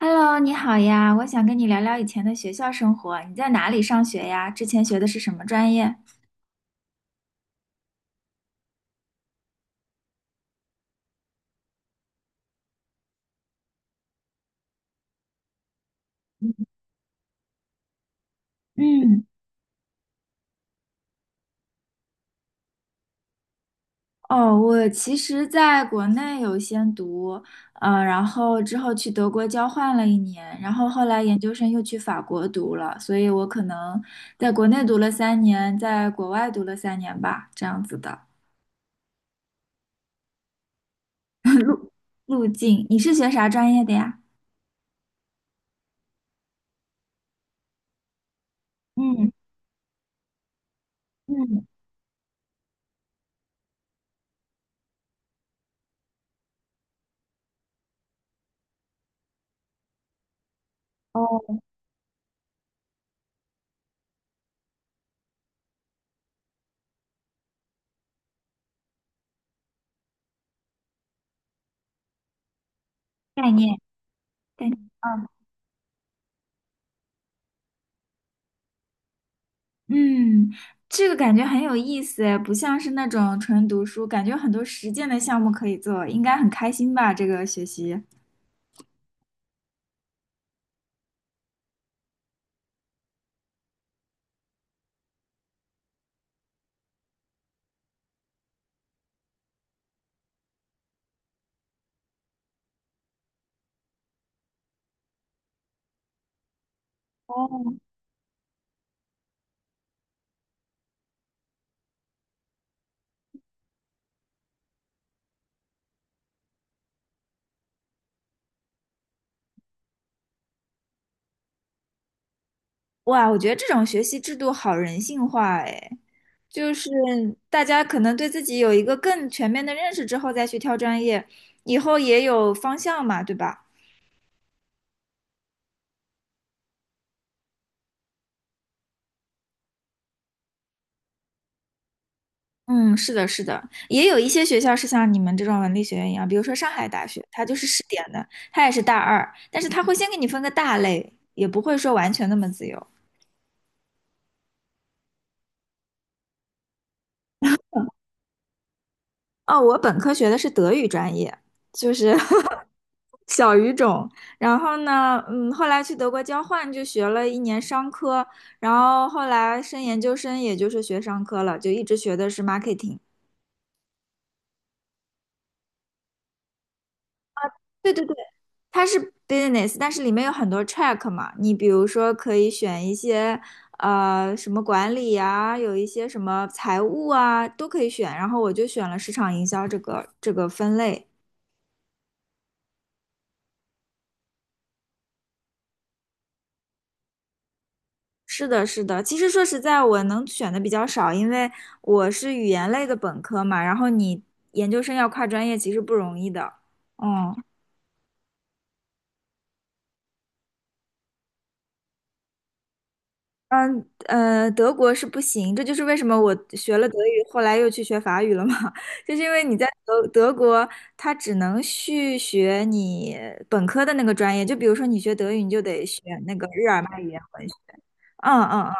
Hello,你好呀，我想跟你聊聊以前的学校生活。你在哪里上学呀？之前学的是什么专业？嗯，哦，我其实在国内有先读，然后之后去德国交换了一年，然后后来研究生又去法国读了，所以我可能在国内读了三年，在国外读了三年吧，这样子的路径。你是学啥专业的呀？嗯嗯，哦，概念，概念。嗯嗯，这个感觉很有意思诶，不像是那种纯读书，感觉有很多实践的项目可以做，应该很开心吧？这个学习。哦，哇，我觉得这种学习制度好人性化哎，就是大家可能对自己有一个更全面的认识之后再去挑专业，以后也有方向嘛，对吧？嗯，是的，是的，也有一些学校是像你们这种文理学院一样，比如说上海大学，它就是试点的，它也是大二，但是它会先给你分个大类，也不会说完全那么自由。哦，我本科学的是德语专业，就是 小语种。然后呢，嗯，后来去德国交换就学了一年商科，然后后来升研究生，也就是学商科了，就一直学的是 marketing。对对对，它是 business,但是里面有很多 track 嘛，你比如说可以选一些呃什么管理呀，有一些什么财务啊，都可以选。然后我就选了市场营销这个分类。是的，是的。其实说实在，我能选的比较少，因为我是语言类的本科嘛，然后你研究生要跨专业，其实不容易的。嗯。德国是不行，这就是为什么我学了德语，后来又去学法语了嘛，就是因为你在德国，它只能续学你本科的那个专业，就比如说你学德语，你就得学那个日耳曼语言文学，嗯嗯嗯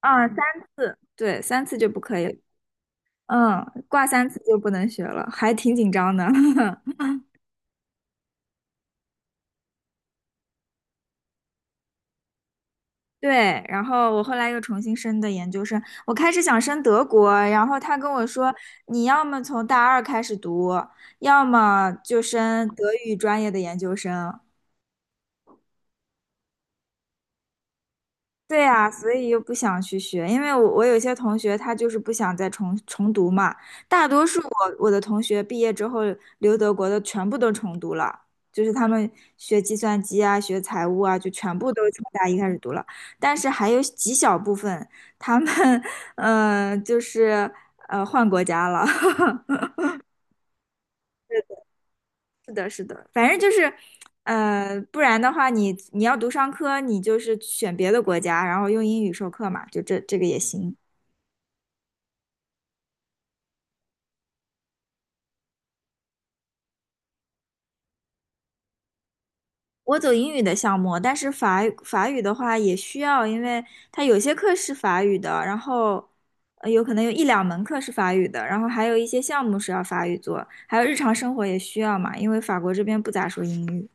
嗯，三对三次就不可以，嗯，挂三次就不能学了，还挺紧张的。对，然后我后来又重新申的研究生，我开始想申德国，然后他跟我说，你要么从大二开始读，要么就申德语专业的研究生。对啊，所以又不想去学，因为我有些同学他就是不想再重读嘛，大多数我的同学毕业之后留德国的全部都重读了，就是他们学计算机啊、学财务啊，就全部都从大一开始读了，但是还有极小部分他们 呃就是呃换国家了，是的，是的，反正就是。不然的话你，你要读商科，你就是选别的国家，然后用英语授课嘛，就这个也行。我走英语的项目，但是法语的话也需要，因为它有些课是法语的，然后呃有可能有1两门课是法语的，然后还有一些项目是要法语做，还有日常生活也需要嘛，因为法国这边不咋说英语。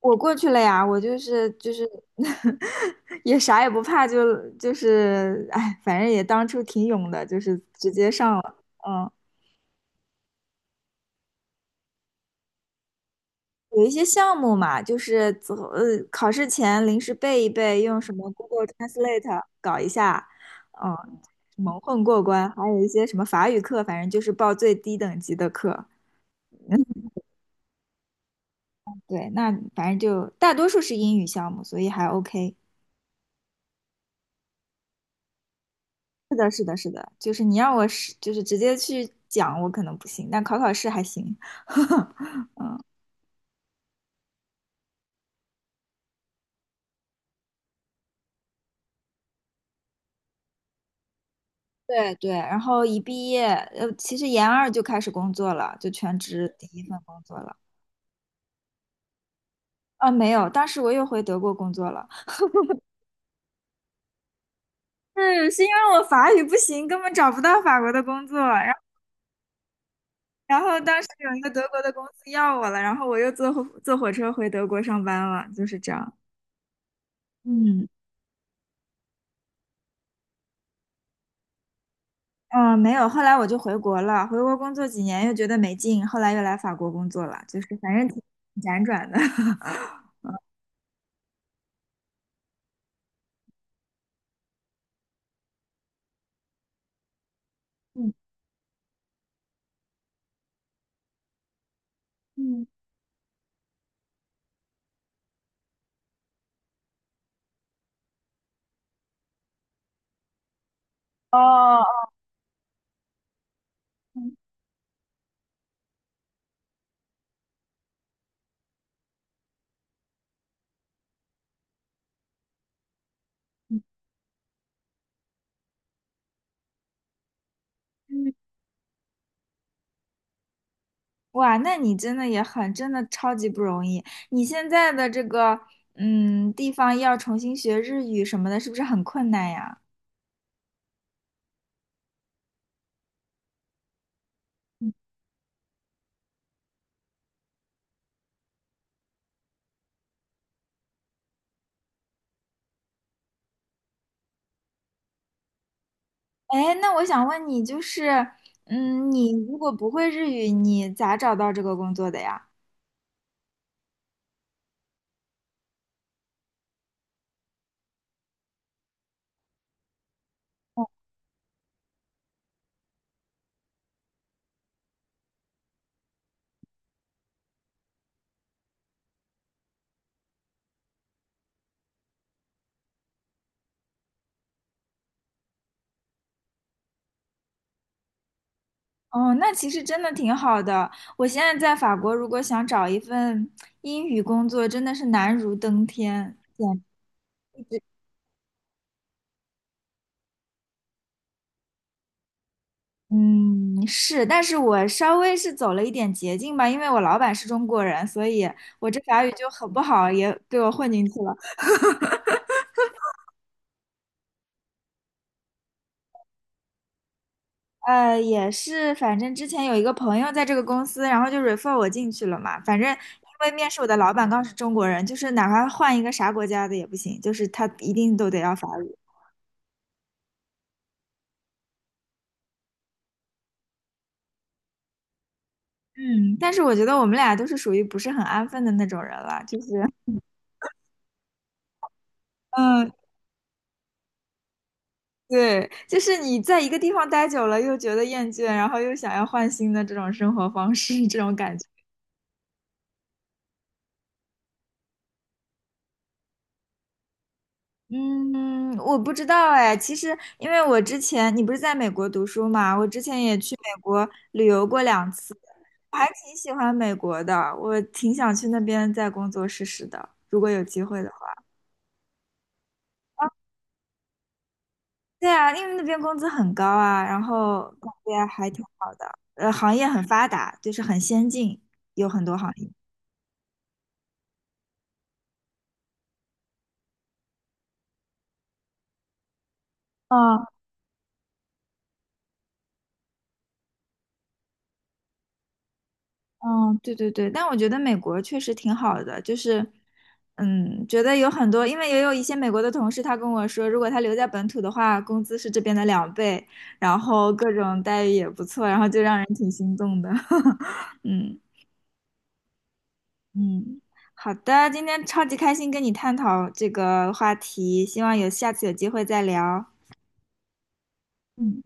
我过去了呀，我就是 也啥也不怕就，就是哎，反正也当初挺勇的，就是直接上了，嗯。有一些项目嘛，就是走呃考试前临时背一背，用什么 Google Translate 搞一下，嗯，蒙混过关。还有一些什么法语课，反正就是报最低等级的课。对，那反正就大多数是英语项目，所以还 OK。是的，是的，就是你让我是就是直接去讲，我可能不行，但考考试还行。对对，然后一毕业，其实研二就开始工作了，就全职第一份工作了。啊，没有，当时我又回德国工作了。是是因为我法语不行，根本找不到法国的工作。然后然后当时有一个德国的公司要我了，然后我又坐火坐火车回德国上班了，就是这样。嗯嗯，呃没有，后来我就回国了，回国工作几年又觉得没劲，后来又来法国工作了，就是反正挺辗转的。嗯嗯哦，嗯嗯，哇，那你真的也很，真的超级不容易。你现在的这个嗯地方要重新学日语什么的，是不是很困难呀？哎，那我想问你，就是，嗯，你如果不会日语，你咋找到这个工作的呀？哦，那其实真的挺好的。我现在在法国，如果想找一份英语工作，真的是难如登天，简直。嗯，是，但是我稍微是走了一点捷径吧，因为我老板是中国人，所以我这法语就很不好，也被我混进去了。也是，反正之前有一个朋友在这个公司，然后就 refer 我进去了嘛。反正因为面试我的老板刚是中国人，就是哪怕换一个啥国家的也不行，就是他一定都得要法语。嗯，但是我觉得我们俩都是属于不是很安分的那种人了，就是，嗯，对，就是你在一个地方待久了又觉得厌倦，然后又想要换新的这种生活方式，这种感觉。嗯，我不知道哎。其实，因为我之前你不是在美国读书嘛，我之前也去美国旅游过2次，我还挺喜欢美国的，我挺想去那边再工作试试的，如果有机会的话。对啊，因为那边工资很高啊，然后感觉还挺好的，行业很发达，就是很先进，有很多行业。嗯，对对对，但我觉得美国确实挺好的，就是，嗯，觉得有很多，因为也有一些美国的同事，他跟我说，如果他留在本土的话，工资是这边的2倍，然后各种待遇也不错，然后就让人挺心动的。嗯嗯，好的，今天超级开心跟你探讨这个话题，希望有下次有机会再聊。嗯。